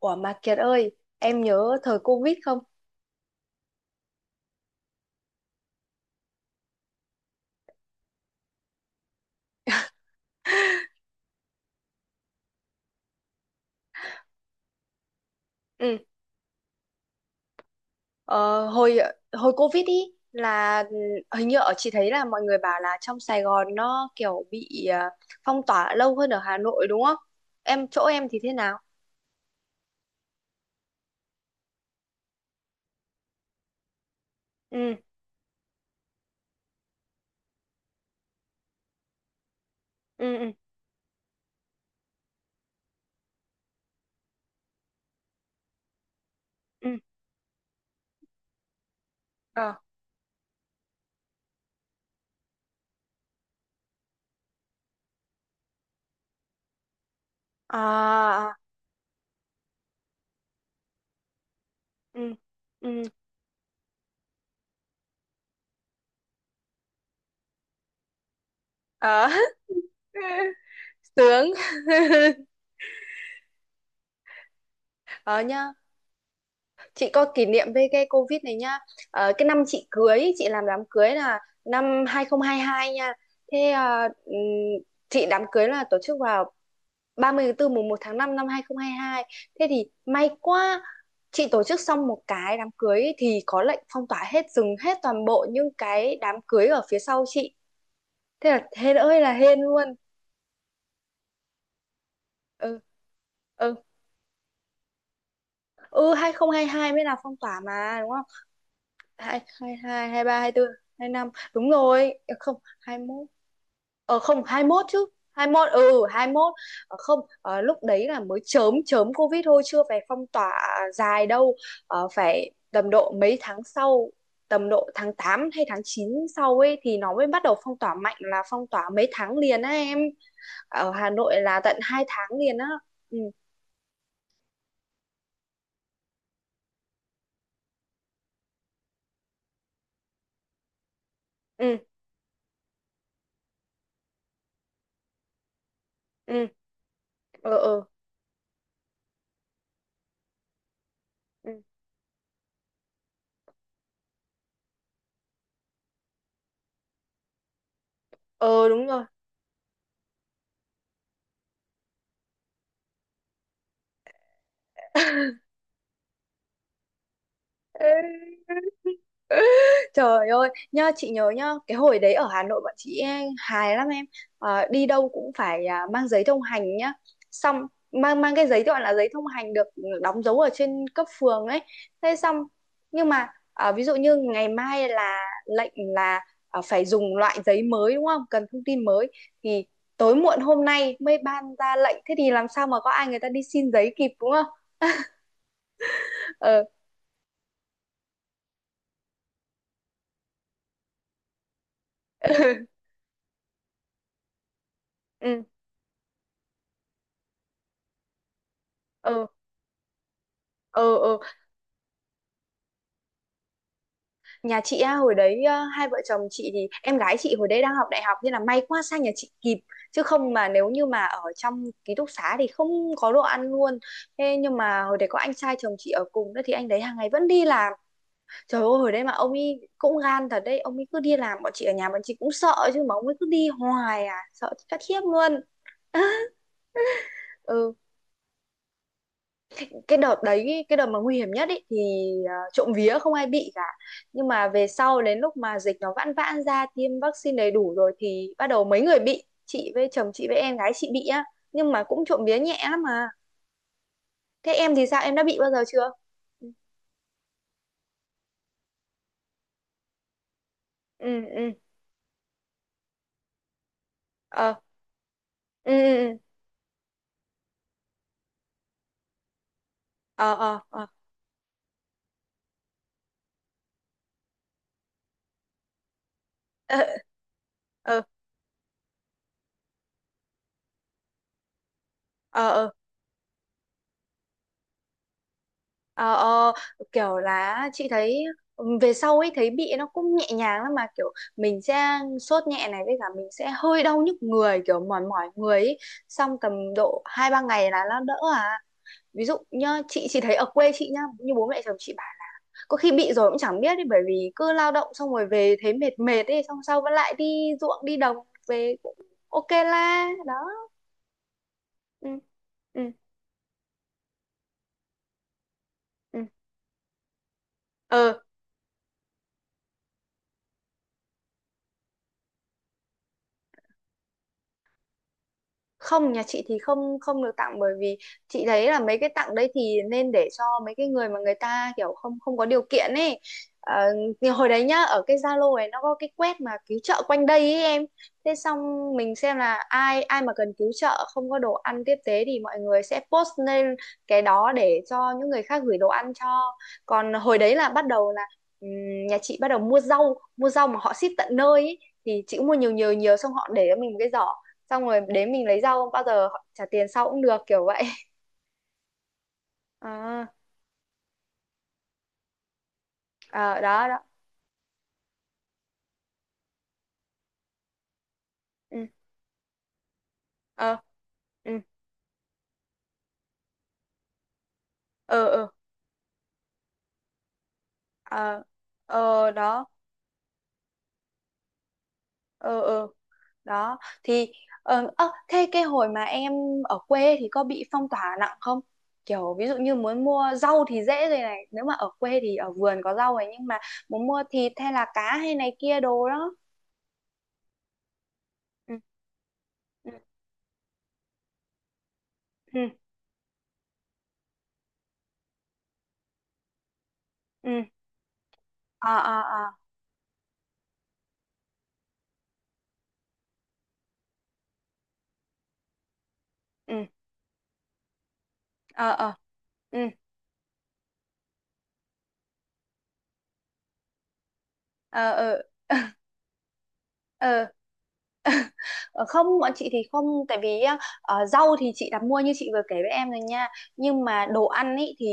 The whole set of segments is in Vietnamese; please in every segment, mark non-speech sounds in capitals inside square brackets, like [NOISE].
Ủa mà Kiệt ơi, em nhớ thời Covid không? Ừ, ờ, hồi hồi Covid ý là hình như ở chị thấy là mọi người bảo là trong Sài Gòn nó kiểu bị phong tỏa lâu hơn ở Hà Nội đúng không? Em chỗ em thì thế nào? Ừ, ừ, ừ, ừ. Ờ. À, à, ừ, ừ. Ờ. [LAUGHS] Sướng. [LAUGHS] Ờ nhá. Chị có kỷ niệm với cái Covid này nhá. Ờ, cái năm chị cưới chị làm đám cưới là năm 2022 nha. Thế, chị đám cưới là tổ chức vào 30 tháng 4 mùng 1 tháng 5 năm 2022. Thế thì may quá, chị tổ chức xong một cái đám cưới ấy thì có lệnh phong tỏa hết, dừng hết toàn bộ những cái đám cưới ở phía sau chị. Thế là hên ơi là hên luôn. ừ ừ ừ 2022 mới là phong tỏa mà đúng không? Hai hai, hai hai ba, hai tư, hai năm, đúng rồi. Ờ, không hai mốt, ờ không hai mốt chứ. Hai mốt. Ờ, không Ờ, lúc đấy là mới chớm chớm covid thôi, chưa phải phong tỏa dài đâu. Ờ, phải tầm độ mấy tháng sau, tầm độ tháng 8 hay tháng 9 sau ấy thì nó mới bắt đầu phong tỏa mạnh, là phong tỏa mấy tháng liền á em. Ở Hà Nội là tận hai tháng liền á. ừ ừ ừ ừ ừ ừ. Ờ đúng rồi. Ê, trời ơi, nhá chị nhớ nhá, cái hồi đấy ở Hà Nội bọn chị hài lắm em. Ờ, đi đâu cũng phải mang giấy thông hành nhá. Xong mang mang cái giấy gọi là giấy thông hành được đóng dấu ở trên cấp phường ấy. Thế xong, nhưng mà ví dụ như ngày mai là lệnh là phải dùng loại giấy mới đúng không? Cần thông tin mới thì tối muộn hôm nay mới ban ra lệnh, thế thì làm sao mà có ai người ta đi xin giấy kịp đúng không? Ờ [LAUGHS] ừ ừ ừ Nhà chị á, hồi đấy hai vợ chồng chị, thì em gái chị hồi đấy đang học đại học nên là may quá sang nhà chị kịp, chứ không mà nếu như mà ở trong ký túc xá thì không có đồ ăn luôn. Thế nhưng mà hồi đấy có anh trai chồng chị ở cùng nữa thì anh đấy hàng ngày vẫn đi làm. Trời ơi hồi đấy mà ông ấy cũng gan thật đấy, ông ấy cứ đi làm, bọn chị ở nhà bọn chị cũng sợ chứ, mà ông ấy cứ đi hoài à, sợ chết khiếp luôn. [LAUGHS] ừ, cái đợt đấy, cái đợt mà nguy hiểm nhất ý, thì trộm vía không ai bị cả, nhưng mà về sau đến lúc mà dịch nó vãn vãn ra, tiêm vaccine đầy đủ rồi thì bắt đầu mấy người bị, chị với chồng chị với em gái chị bị á, nhưng mà cũng trộm vía nhẹ lắm mà. Thế em thì sao, em đã bị bao giờ chưa? Ừ ừ ừ. ờ ừ ừ ừ. ờ ờ ờ [LAUGHS] ờ ờ ờ Ờ, ờ, kiểu là chị thấy ừ, về sau ấy thấy bị nó cũng nhẹ nhàng lắm mà, kiểu mình sẽ sốt nhẹ này, với cả mình sẽ hơi đau nhức người, kiểu mỏi mỏi người ấy. Xong tầm độ hai ba ngày là nó đỡ à. Ví dụ nhá, chị thấy ở quê chị nhá, như bố mẹ chồng chị bảo có khi bị rồi cũng chẳng biết ấy, bởi vì cứ lao động xong rồi về thấy mệt mệt ấy, xong sau vẫn lại đi ruộng đi đồng về, cũng ok la đó. ừ ừ ừ Không, nhà chị thì không, không được tặng, bởi vì chị thấy là mấy cái tặng đấy thì nên để cho mấy cái người mà người ta kiểu không, không có điều kiện ấy. Ờ, thì hồi đấy nhá ở cái Zalo ấy nó có cái quét mà cứu trợ quanh đây ấy em. Thế xong mình xem là ai ai mà cần cứu trợ không có đồ ăn tiếp tế thì mọi người sẽ post lên cái đó để cho những người khác gửi đồ ăn cho. Còn hồi đấy là bắt đầu là nhà chị bắt đầu mua rau mà họ ship tận nơi ấy. Thì chị cũng mua nhiều nhiều nhiều, xong họ để cho mình một cái giỏ, xong rồi đến mình lấy rau, bao giờ họ trả tiền sau cũng được, kiểu vậy. [LAUGHS] à, À đó đó. Ừ ờ ừ ờ ờ ờ ờ đó ờ ờ Đó thì thế cái hồi mà em ở quê ấy thì có bị phong tỏa nặng không? Kiểu ví dụ như muốn mua rau thì dễ rồi này, nếu mà ở quê thì ở vườn có rau này, nhưng mà muốn mua thịt hay là cá hay này kia đồ đó. Ừ ừ ừ ừ à à à ừ ờ ờ ừ ờ ờ ờ Ờ, không bọn chị thì không, tại vì á, ờ, rau thì chị đặt mua như chị vừa kể với em rồi nha, nhưng mà đồ ăn ý thì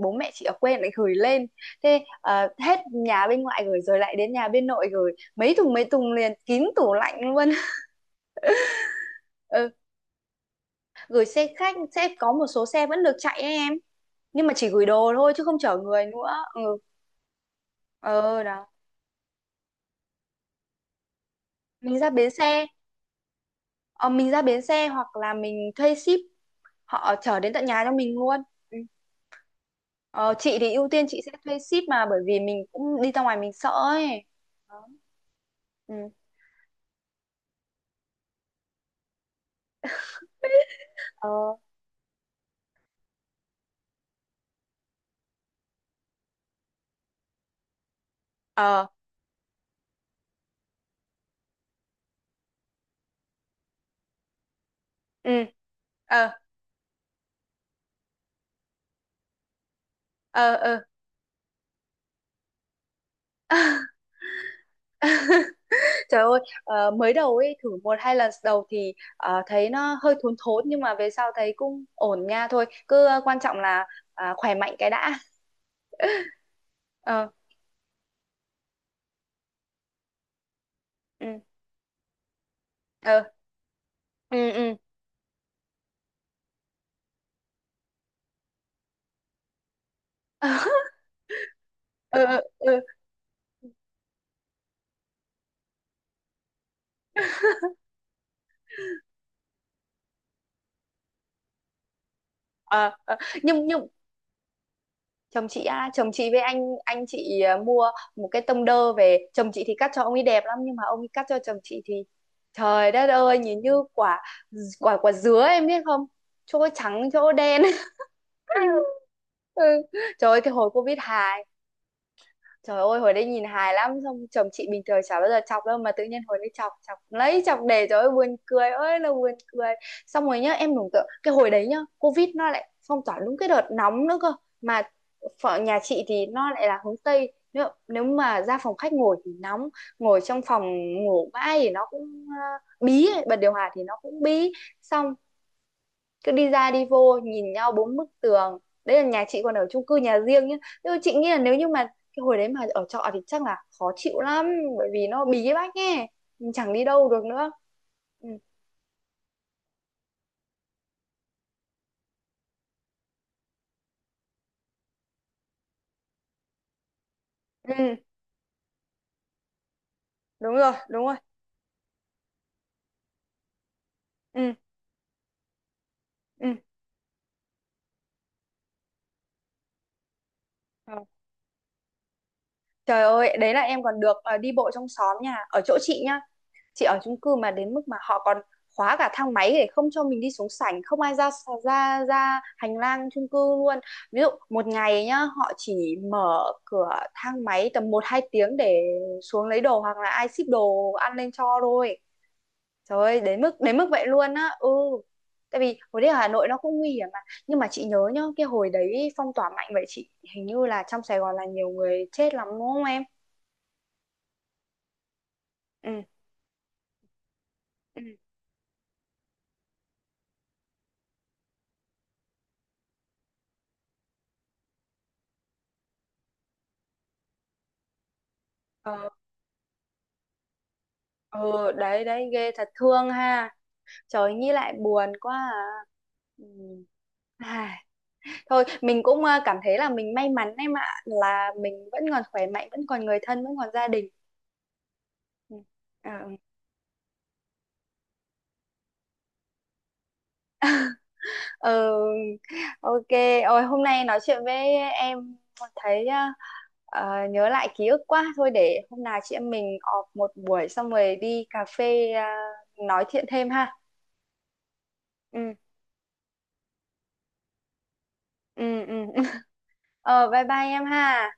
bố mẹ chị ở quê lại gửi lên. Hết nhà bên ngoại gửi rồi lại đến nhà bên nội gửi, mấy thùng liền kín tủ lạnh luôn. [LAUGHS] Ừ, gửi xe khách, sẽ có một số xe vẫn được chạy ấy em, nhưng mà chỉ gửi đồ thôi chứ không chở người nữa. Ừ ờ đó Mình ra bến xe, ờ, mình ra bến xe hoặc là mình thuê ship, họ chở đến tận nhà cho mình luôn. Ừ. Ờ, chị thì ưu tiên chị sẽ thuê ship, mà bởi vì mình cũng đi ra ngoài mình sợ ấy. Đó. Ừ. Ờ, Ờ, ừ. Ờ, ờ, ờ. Trời ơi, mới đầu ấy thử một hai lần đầu thì thấy nó hơi thốn thốn, nhưng mà về sau thấy cũng ổn nha thôi. Cứ ờ, quan trọng là khỏe mạnh cái đã. Ờ, ừ, ờ, ừ, ừ. [LAUGHS] Ờ, ờ, ờ. Ờ, ờ. Nhưng chồng chị á, chồng chị với anh chị mua một cái tông đơ về, chồng chị thì cắt cho ông ấy đẹp lắm, nhưng mà ông ấy cắt cho chồng chị thì trời đất ơi, nhìn như quả quả quả dứa em biết không, chỗ trắng chỗ đen. [LAUGHS] Ừ. Trời ơi, cái hồi covid hài. Trời ơi hồi đấy nhìn hài lắm. Xong chồng chị bình thường chả bao giờ chọc đâu, mà tự nhiên hồi đấy chọc, chọc lấy chọc để. Trời ơi buồn cười ơi là buồn cười. Xong rồi nhá, em tưởng tượng, cái hồi đấy nhá Covid nó lại phong tỏa đúng cái đợt nóng nữa cơ. Mà phở nhà chị thì nó lại là hướng Tây. Nếu mà ra phòng khách ngồi thì nóng, ngồi trong phòng ngủ mãi thì nó cũng bí ấy. Bật điều hòa thì nó cũng bí. Xong cứ đi ra đi vô nhìn nhau bốn bức tường. Đấy là nhà chị còn ở chung cư nhà riêng nhá, nhưng mà chị nghĩ là nếu như mà cái hồi đấy mà ở trọ thì chắc là khó chịu lắm, bởi vì nó bí cái bách nghe, mình chẳng đi đâu được nữa. ừ. ừ Đúng rồi đúng rồi. ừ ừ Ờ. Trời ơi đấy là em còn được đi bộ trong xóm, nhà ở chỗ chị nhá, chị ở chung cư mà đến mức mà họ còn khóa cả thang máy để không cho mình đi xuống sảnh, không ai ra ra ra hành lang chung cư luôn. Ví dụ một ngày nhá họ chỉ mở cửa thang máy tầm một hai tiếng để xuống lấy đồ hoặc là ai ship đồ ăn lên cho thôi. Trời ơi, đến mức vậy luôn á. Ừ, tại vì hồi đấy ở Hà Nội nó cũng nguy hiểm mà. Nhưng mà chị nhớ nhá, cái hồi đấy phong tỏa mạnh vậy, chị hình như là trong Sài Gòn là nhiều người chết lắm đúng không em? ừ ừ ờ ừ, đấy đấy, ghê thật, thương ha. Trời nghĩ lại buồn quá à. Ừ. Ai, thôi mình cũng cảm thấy là mình may mắn em ạ, là mình vẫn còn khỏe mạnh, vẫn còn người thân, vẫn còn gia đình. ừ. Ờ, ờ, ok. Ôi hôm nay nói chuyện với em thấy nhớ lại ký ức quá, thôi để hôm nào chị em mình họp một buổi xong rồi đi cà phê nói chuyện thêm ha. ừ ừ ừ [LAUGHS] Ờ, bye bye em ha.